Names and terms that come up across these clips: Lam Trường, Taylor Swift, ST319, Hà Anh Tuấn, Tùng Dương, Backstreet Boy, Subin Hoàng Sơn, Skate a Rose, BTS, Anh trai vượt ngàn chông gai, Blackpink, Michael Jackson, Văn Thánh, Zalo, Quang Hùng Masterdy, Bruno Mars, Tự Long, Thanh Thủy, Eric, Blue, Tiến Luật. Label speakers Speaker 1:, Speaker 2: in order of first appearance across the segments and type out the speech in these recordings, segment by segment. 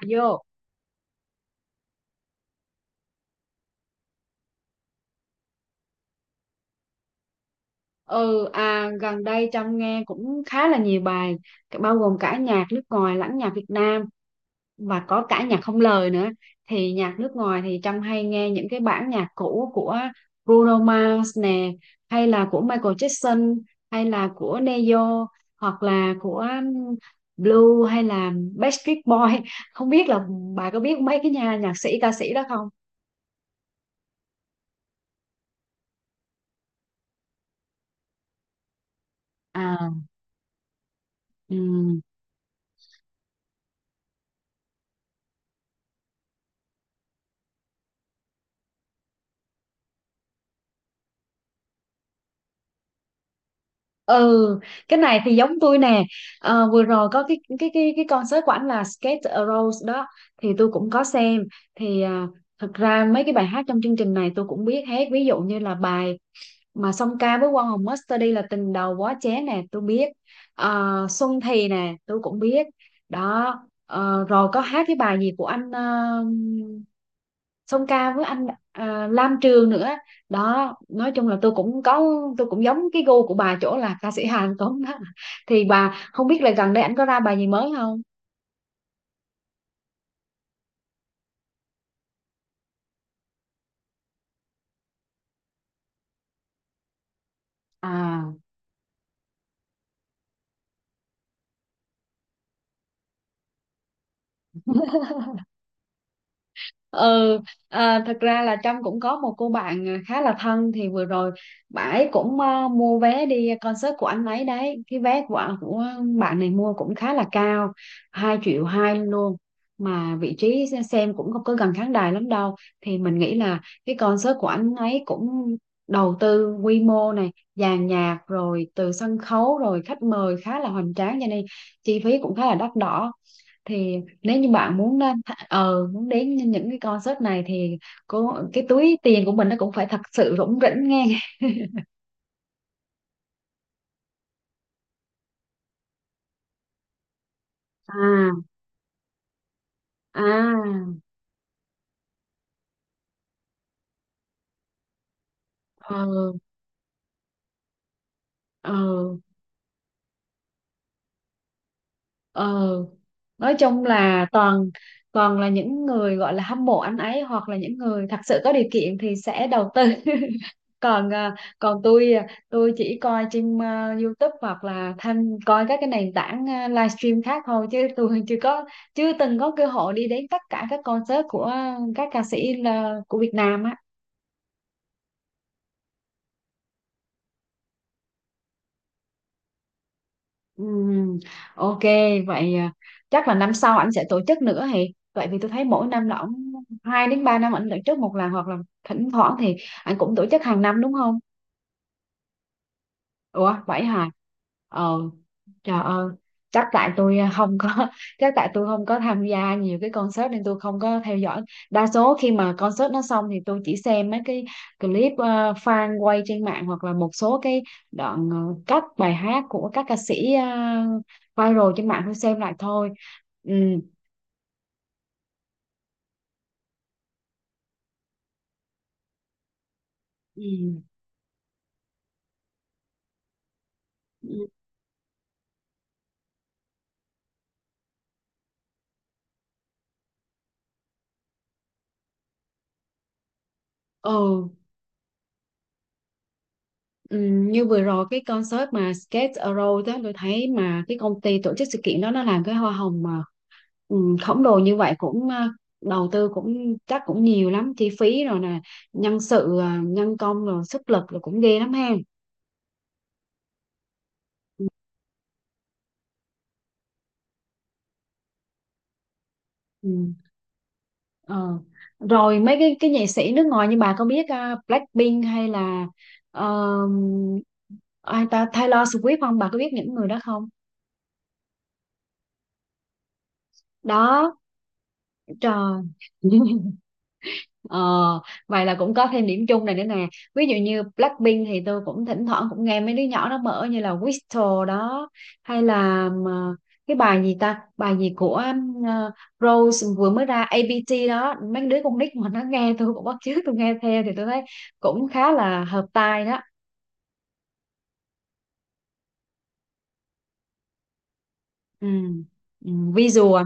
Speaker 1: Vô. Gần đây Trâm nghe cũng khá là nhiều bài, bao gồm cả nhạc nước ngoài lẫn nhạc Việt Nam, và có cả nhạc không lời nữa. Thì nhạc nước ngoài thì Trâm hay nghe những cái bản nhạc cũ của Bruno Mars nè, hay là của Michael Jackson, hay là của Neo, hoặc là của Blue hay là Backstreet Boy. Không biết là bà có biết mấy cái nhà nhạc sĩ ca sĩ đó không? À, ừ. Ừ, cái này thì giống tôi nè. Ờ, vừa rồi có cái concert của ảnh là Skate a Rose đó, thì tôi cũng có xem. Thì thật ra mấy cái bài hát trong chương trình này tôi cũng biết hết, ví dụ như là bài mà song ca với Quang Hùng Masterdy là Tình Đầu Quá Chén nè, tôi biết. Ờ, Xuân Thì nè tôi cũng biết đó. Ờ, rồi có hát cái bài gì của anh, song ca với anh Lam Trường nữa đó. Nói chung là tôi cũng có, tôi cũng giống cái gu của bà chỗ là ca sĩ Hàn Tuấn đó, thì bà không biết là gần đây anh có ra bài gì mới không? À, ừ. Thật ra là Trâm cũng có một cô bạn khá là thân, thì vừa rồi bà ấy cũng mua vé đi concert của anh ấy đấy. Cái vé của bạn này mua cũng khá là cao, 2,2 triệu luôn, mà vị trí xem cũng không có gần khán đài lắm đâu. Thì mình nghĩ là cái concert của anh ấy cũng đầu tư quy mô, này dàn nhạc rồi, từ sân khấu rồi khách mời khá là hoành tráng, cho nên chi phí cũng khá là đắt đỏ. Thì nếu như bạn muốn lên tha- ờ muốn đến những cái concert này thì cái túi tiền của mình nó cũng phải thật sự rủng rỉnh nghe. À. À. Ờ. Ờ. Ờ, nói chung là toàn, toàn là những người gọi là hâm mộ anh ấy, hoặc là những người thật sự có điều kiện thì sẽ đầu tư. Còn còn tôi tôi chỉ coi trên YouTube, hoặc là tham coi các cái nền tảng livestream khác thôi, chứ tôi chưa có, chưa từng có cơ hội đi đến tất cả các concert của các ca sĩ là, của Việt Nam á. Ừm, ok. Vậy chắc là năm sau anh sẽ tổ chức nữa hì. Vậy vì tôi thấy mỗi năm là ông, hai đến ba năm anh tổ chức một lần, hoặc là thỉnh thoảng thì anh cũng tổ chức hàng năm, đúng không? Ủa vậy hả? Ờ, trời ơi. Chắc tại tôi không có. Chắc tại tôi không có tham gia nhiều cái concert nên tôi không có theo dõi. Đa số khi mà concert nó xong thì tôi chỉ xem mấy cái clip fan quay trên mạng, hoặc là một số cái đoạn cắt bài hát của các ca sĩ viral trên mạng, tôi xem lại thôi. Ừ. Ừ. Ừ. Ừ, như vừa rồi cái concert mà Skate Around đó, tôi thấy mà cái công ty tổ chức sự kiện đó nó làm cái hoa hồng mà khổng lồ như vậy, cũng đầu tư cũng chắc cũng nhiều lắm chi phí rồi nè, nhân sự nhân công rồi sức lực rồi cũng ghê lắm ha. ừ, ờ. Rồi mấy cái nghệ sĩ nước ngoài, như bà có biết Blackpink hay là ờ, ai ta, Taylor Swift không, bà có biết những người đó không? Đó. Trời. Ờ, vậy là cũng có thêm điểm chung này nữa nè. Ví dụ như Blackpink thì tôi cũng thỉnh thoảng cũng nghe mấy đứa nhỏ nó mở như là Whistle đó, hay là mà cái bài gì ta, bài gì của ờ, Rose vừa mới ra ABT đó, mấy đứa con nít mà nó nghe tôi cũng bắt chước tôi nghe theo, thì tôi thấy cũng khá là hợp tai đó. Ừ, ừ, visual à?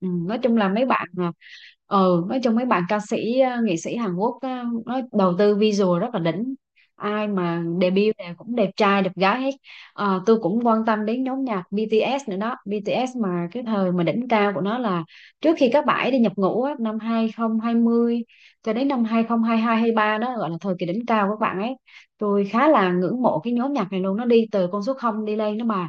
Speaker 1: Ừ, nói chung là mấy bạn à, nói chung mấy bạn ca sĩ nghệ sĩ Hàn Quốc nó đầu tư visual rất là đỉnh, ai mà debut này cũng đẹp trai đẹp gái hết. Ờ, tôi cũng quan tâm đến nhóm nhạc BTS nữa đó. BTS mà cái thời mà đỉnh cao của nó là trước khi các bạn ấy đi nhập ngũ á, năm 2020 cho đến năm hai không hai hai, không hai ba đó, gọi là thời kỳ đỉnh cao của các bạn ấy. Tôi khá là ngưỡng mộ cái nhóm nhạc này luôn, nó đi từ con số không đi lên đó mà.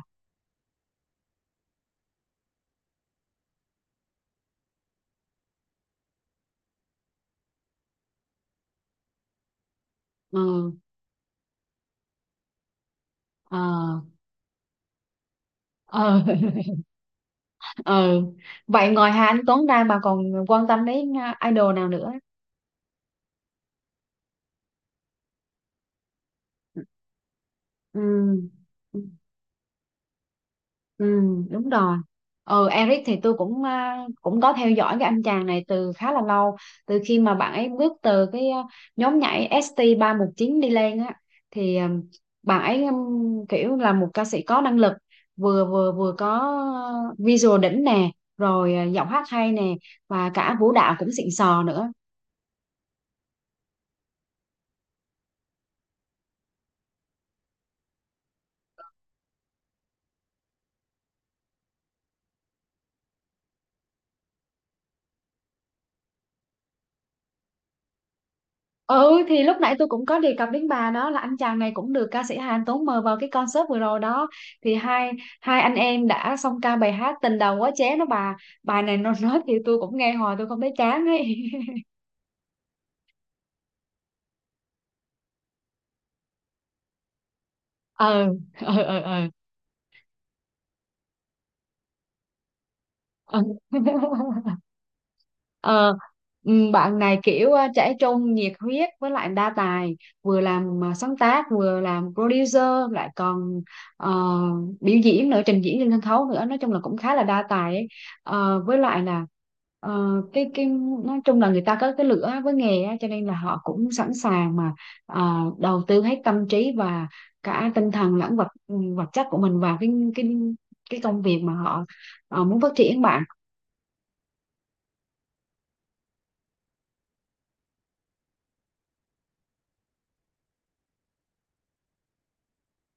Speaker 1: ừ, ờ. ờ ờ Vậy ngoài Hà Anh Tuấn ra bà còn quan tâm đến idol nào nữa? Ừ. Ừ, đúng rồi. Ừ, Eric thì tôi cũng cũng có theo dõi cái anh chàng này từ khá là lâu, từ khi mà bạn ấy bước từ cái nhóm nhảy ST319 đi lên á. Thì bạn ấy kiểu là một ca sĩ có năng lực, vừa vừa vừa có visual đỉnh nè, rồi giọng hát hay nè, và cả vũ đạo cũng xịn sò nữa. Ừ, thì lúc nãy tôi cũng có đề cập đến bà đó, là anh chàng này cũng được ca sĩ Hà Tuấn mời vào cái concert vừa rồi đó. Thì hai hai anh em đã song ca bài hát Tình Đầu Quá Chén đó bà. Bài này nó nói thì tôi cũng nghe hoài tôi không thấy chán ấy. ừ ừ ừ ừ, ừ. Ờ, bạn này kiểu trẻ trung, nhiệt huyết, với lại đa tài, vừa làm sáng tác, vừa làm producer, lại còn ờ, biểu diễn nữa, trình diễn trên sân khấu nữa, nói chung là cũng khá là đa tài ấy. Ờ, với lại là ờ, cái nói chung là người ta có cái lửa với nghề á, cho nên là họ cũng sẵn sàng mà ờ, đầu tư hết tâm trí và cả tinh thần lẫn vật chất của mình vào cái công việc mà họ muốn phát triển bạn.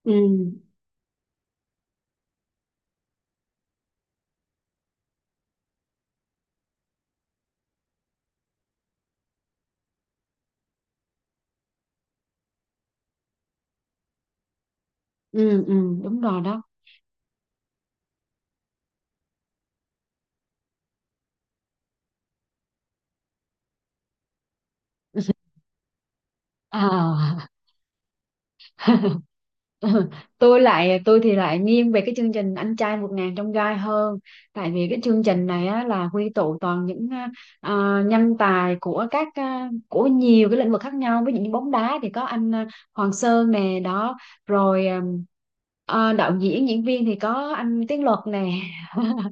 Speaker 1: Ừ. Ừ. Ừ, đúng rồi đó. À. Ừ, tôi lại, tôi thì lại nghiêng về cái chương trình Anh Trai Một Ngàn Trong Gai hơn, tại vì cái chương trình này á, là quy tụ toàn những nhân tài của của nhiều cái lĩnh vực khác nhau, ví dụ như bóng đá thì có anh Hoàng Sơn nè đó, rồi đạo diễn diễn viên thì có anh Tiến Luật nè.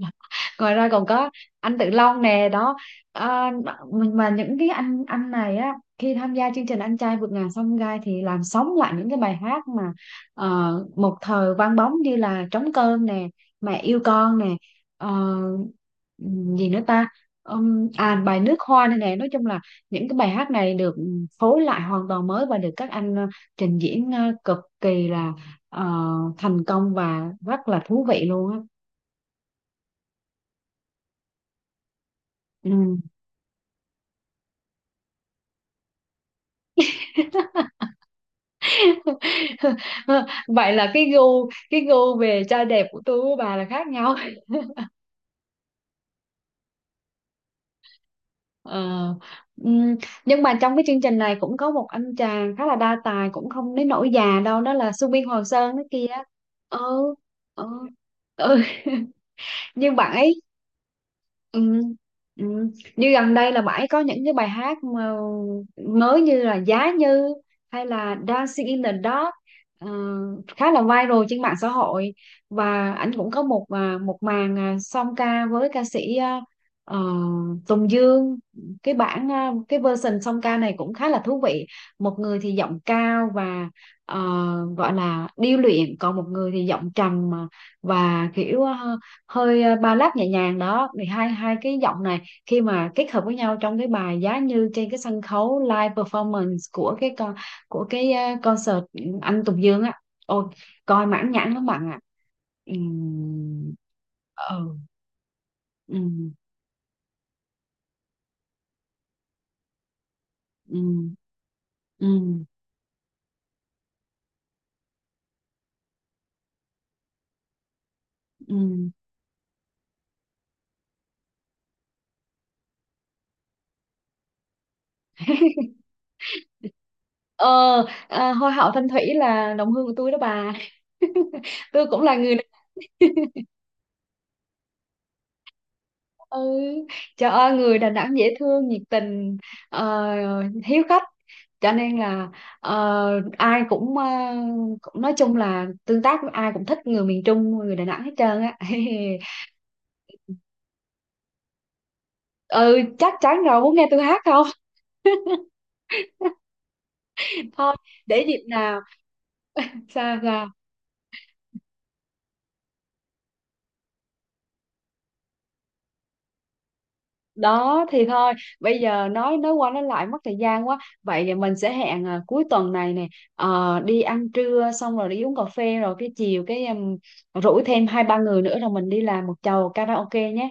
Speaker 1: Ngoài ra còn có anh Tự Long nè đó. à, mà mà những cái anh này á, khi tham gia chương trình Anh Trai Vượt Ngàn Chông Gai thì làm sống lại những cái bài hát mà một thời vang bóng, như là Trống Cơm nè, Mẹ Yêu Con nè, ờ, gì nữa ta, à bài Nước Hoa này nè. Nói chung là những cái bài hát này được phối lại hoàn toàn mới, và được các anh trình diễn cực kỳ là ờ, thành công và rất là thú vị luôn á. Ừ. Vậy là cái gu về trai đẹp của tôi với bà là khác nhau. Ờ, ừm, nhưng mà trong cái chương trình này cũng có một anh chàng khá là đa tài, cũng không đến nỗi già đâu, đó là Subin Hoàng Sơn đó kia. ừ ừ ừ Như bạn ấy. Ừ, ừ. Như gần đây là bạn ấy có những cái bài hát mà mới như là Giá Như, hay là Dancing in the Dark, ờ, khá là viral trên mạng xã hội. Và anh cũng có một một màn song ca với ca sĩ ờ, Tùng Dương. Cái version song ca này cũng khá là thú vị. Một người thì giọng cao và ờ, gọi là điêu luyện, còn một người thì giọng trầm mà, và kiểu ba lát nhẹ nhàng đó. Thì hai hai cái giọng này khi mà kết hợp với nhau trong cái bài Giá Như, trên cái sân khấu live performance của cái con của cái ờ, concert anh Tùng Dương á, ôi, coi mãn nhãn lắm bạn ạ. Ừm, ừ ừ ừ ừm, ừm. ờ À, hoa hậu Thanh Thủy là đồng hương của tôi đó bà. Tôi cũng là người. Ừ, trời ơi, người Đà Nẵng dễ thương, nhiệt tình, hiếu khách, cho nên là ờ, ai cũng, ờ, cũng nói chung là tương tác với ai cũng thích, người miền Trung người Đà Nẵng hết trơn á. Ừ, chắc chắn rồi, muốn nghe tôi hát không? Thôi, để dịp nào. Sao sao đó thì thôi. Bây giờ nói qua nói lại mất thời gian quá, vậy thì mình sẽ hẹn cuối tuần này nè. Ờ, đi ăn trưa xong rồi đi uống cà phê, rồi cái chiều cái rủ thêm 2 3 người nữa rồi mình đi làm một chầu karaoke nhé.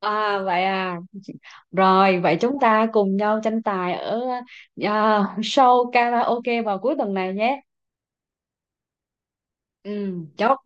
Speaker 1: À vậy à. Rồi vậy chúng ta cùng nhau tranh tài ở show karaoke vào cuối tuần này nhé. Ừ, chốt.